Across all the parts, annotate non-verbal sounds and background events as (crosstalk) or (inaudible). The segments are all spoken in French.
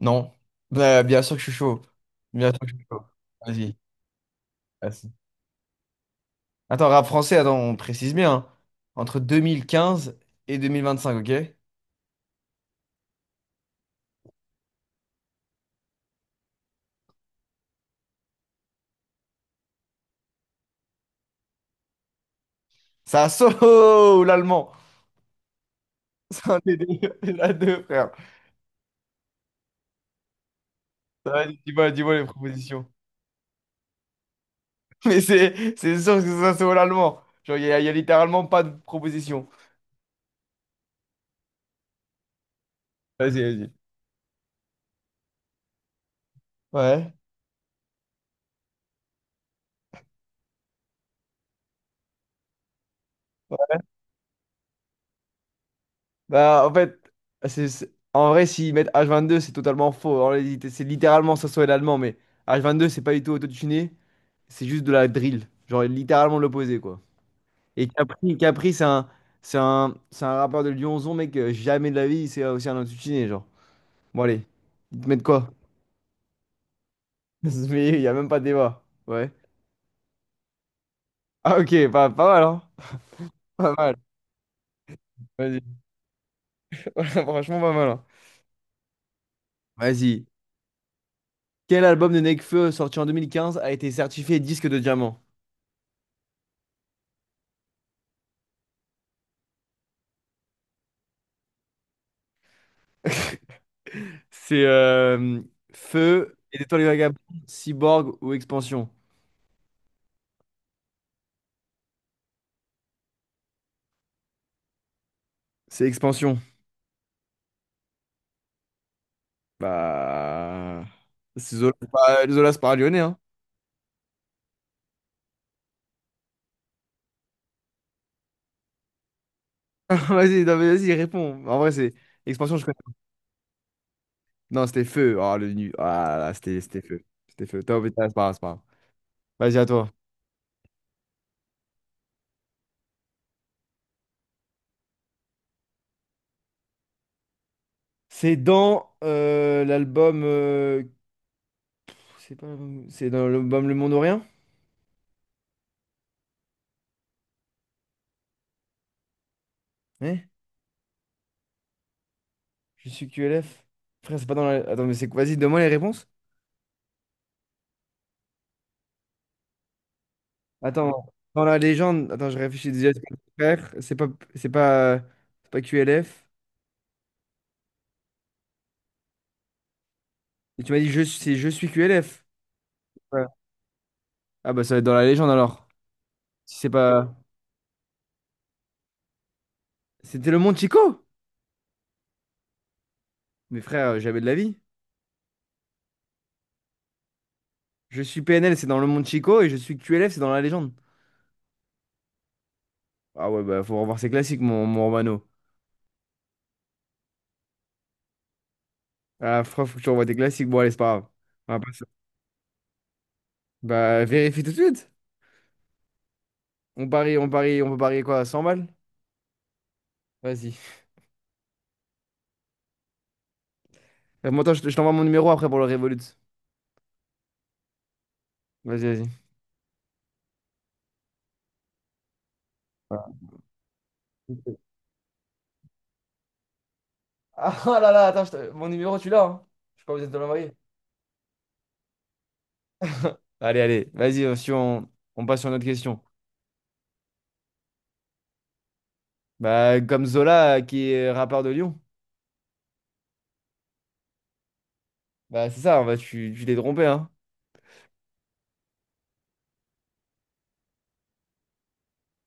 Non. Bah, bien sûr que je suis chaud. Bien sûr que je suis chaud. Vas-y. Vas-y. Attends, rap français, attends, on précise bien, hein. Entre 2015 et 2025, ok? Ça saut (laughs) l'allemand. C'est un des deux, (laughs) la deux, frère. Ça va. Dis-moi, dis-moi les propositions. (laughs) Mais c'est sûr que ça saut l'allemand. Genre, il y, a y a littéralement pas de proposition. Vas-y, vas-y. Ouais. Bah, en fait, en vrai, s'ils mettent h vingt-deux, c'est totalement faux. En réalité, c'est littéralement ça saut l'allemand, mais h vingt-deux, c'est pas du tout autotuné. C'est juste de la drill. Genre littéralement l'opposé, quoi. Et Capri, Capri, c'est un rappeur de Lyonzon, mec. Jamais de la vie, c'est aussi un intitulé, genre. Bon, allez. Ils te mettent quoi? (laughs) Mais il n'y a même pas de débat. Ouais. Ah, ok, pas, pas mal, hein? Pas mal. Vas-y. (laughs) Franchement, pas mal, hein. Vas-y. Quel album de Nekfeu, sorti en 2015, a été certifié disque de diamant? (laughs) C'est Feu, et Étoiles Vagabondes, Cyborg ou Expansion? C'est Expansion. Bah, c'est Zola. C'est pas, Zola, c'est pas un Lyonnais, hein. (laughs) Vas-y, non, mais vas-y, réponds. En vrai, c'est... Expansion, je connais. Non, c'était feu. Ah, le nu. Ah, là, c'était feu. C'était feu. Top, mais c'est pas grave, c'est pas grave. Vas-y, à toi. C'est dans l'album, C'est pas l'album- C'est dans l'album Le Monde ou Rien? Hein? Je suis QLF. Frère, c'est pas dans la... Attends, mais c'est... Vas-y, donne-moi les réponses. Attends, dans la légende. Attends, je réfléchis déjà. C'est pas. Frère, c'est pas. C'est pas, c'est pas QLF. Et tu m'as dit, je... c'est Je suis QLF. Ah bah ça va être dans la légende alors. Si c'est pas... C'était le Monde Chico? Mais frère, j'avais de la vie. Je suis PNL, c'est dans le Monde Chico, et je suis QLF, c'est dans la légende. Ah ouais, bah faut revoir ses classiques, mon Romano. Ah frère, faut que tu revois tes classiques. Bon allez, c'est pas grave. On va pas se- Bah vérifie tout de suite. On parie, on parie, on peut parier quoi? 100 balles? Vas-y. Moi, attends, je te- je t'envoie mon numéro après pour le Revolut. Vas-y, vas-y. Voilà. Ah (laughs) ah là là, attends, je te- mon numéro tu l'as, hein. Je suis pas obligé de l'envoyer. (laughs) Allez, allez, vas-y, si on, on passe sur une autre question. Bah, comme Zola, qui est rappeur de Lyon. Bah, c'est ça, bah, tu t'es trompé, hein.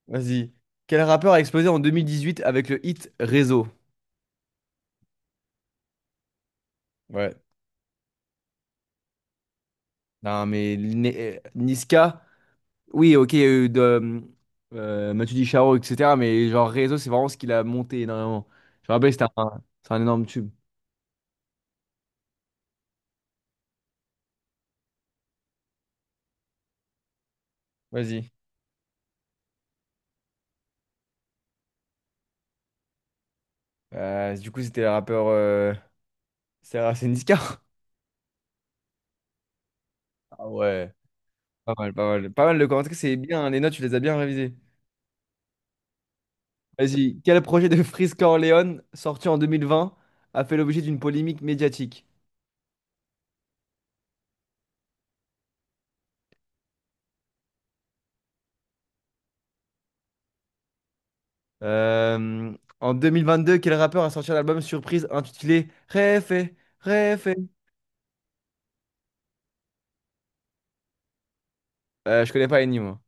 Vas-y. Quel rappeur a explosé en 2018 avec le hit Réseau? Ouais. Non, mais Niska, oui, ok, il y a eu de, Matu Dicharo, etc. Mais genre Réseau, c'est vraiment ce qu'il a monté énormément. Je me rappelle, c'est un énorme tube. Vas-y. Du coup, c'était le rappeur. C'est Niska. (laughs) Ah ouais. Pas mal, pas mal. Pas mal de commentaires, c'est bien. Les notes, tu les as bien révisées. Vas-y. Quel projet de Freeze Corleone, sorti en 2020, a fait l'objet d'une polémique médiatique? Euh, en 2022, quel rappeur a sorti un album surprise intitulé Réfé, Réfé? Je connais pas Ennio, moi.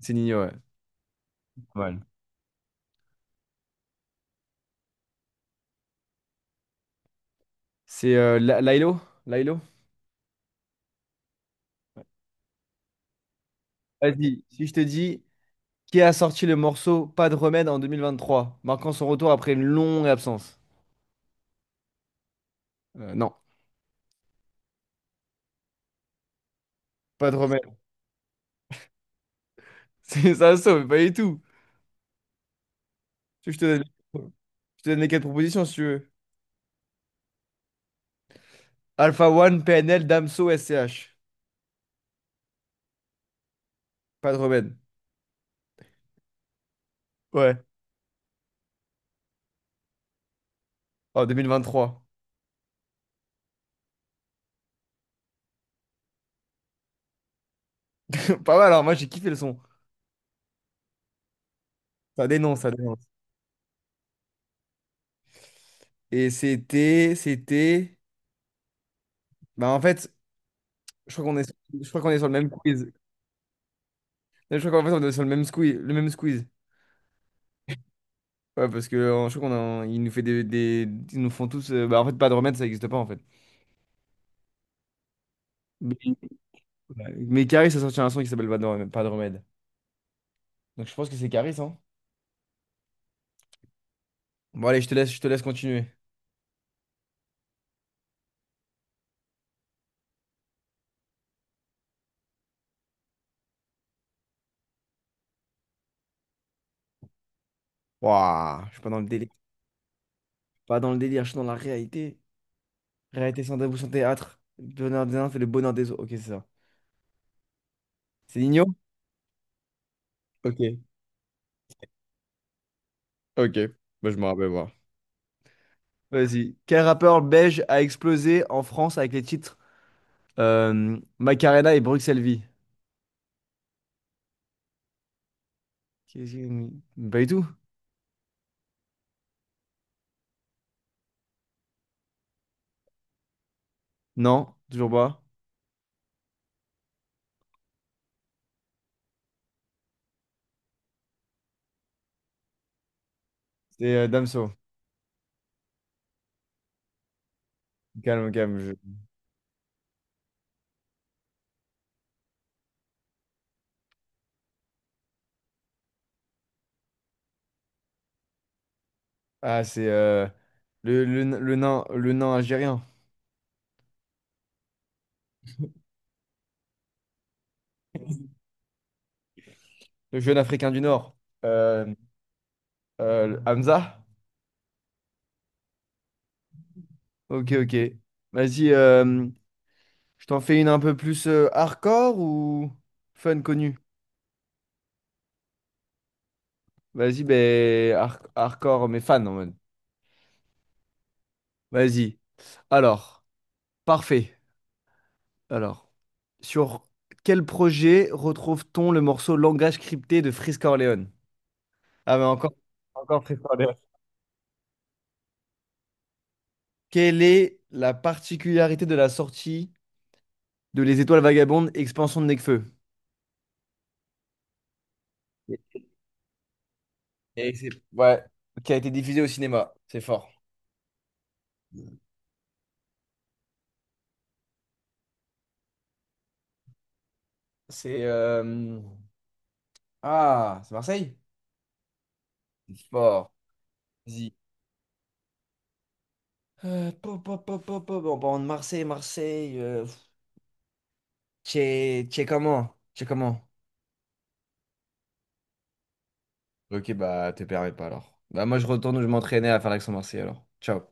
C'est Nino, ouais. Pas mal. C'est La- Lailo? Lailo? Vas-y, si je te dis, qui a sorti le morceau Pas de remède en 2023, marquant son retour après une longue absence? Non, pas de remède. (laughs) C'est ça, ça, mais pas du tout. Tu veux que donne, je te donne les quatre propositions si tu veux. Alpha One, PNL, Damso, SCH. Pas de remède. Ouais. En 2023. (laughs) Pas mal, alors moi j'ai kiffé le son. Ça dénonce, ça dénonce. Et c'était, c'était. Bah en fait, je crois qu'on est, je crois qu'on est sur le même quiz. Je crois qu'en fait on est sur le même squeeze, le même squeeze. Ouais, parce que je crois qu'on a, il nous fait des- ils nous font tous. Bah en fait, pas de remède, ça n'existe pas en fait. Mais, mais Caris a sorti un son qui s'appelle pas de remède. Pas de remède. Donc je pense que c'est Caris, hein. Bon allez, je te laisse continuer. Waouh, je suis pas dans le délire. Pas dans le délire, je suis dans la réalité. Réalité sans tabou, sans théâtre. Bonheur des uns fait le bonheur des autres. Ok, c'est ça. C'est Nino? Ok. Ok. Bah, je me rappelle voir. Vas-y. Quel rappeur belge a explosé en France avec les titres Macarena et Bruxelles Vie? Qu'est-ce que- Pas du tout. Non, toujours pas. C'est Damso. Calme, calme. Je- Ah, c'est le nain, le nain algérien. Le jeune Africain du Nord. Euh, Hamza? Ok, ok. Vas-y. Je t'en fais une un peu plus hardcore ou fun connu? Vas-y, ben hardcore, mais fan en mode. Vas-y. Alors, parfait. Alors, sur quel projet retrouve-t-on le morceau Langage crypté de Frisk Corleone? Ah, mais encore, encore Frisk Corleone. Quelle est la particularité de la sortie de Les Étoiles Vagabondes, expansion de Nekfeu? Ouais, qui a été diffusée au cinéma. C'est fort. C'est ah, c'est Marseille? C'est fort. Vas-y. Pop, pop, pop, pop, pop. En parlant de Marseille, Marseille, pff, t'es comment? T'es comment? Ok, bah, te permets pas alors. Bah, moi, je retourne où je m'entraînais à faire l'accent marseillais alors. Ciao.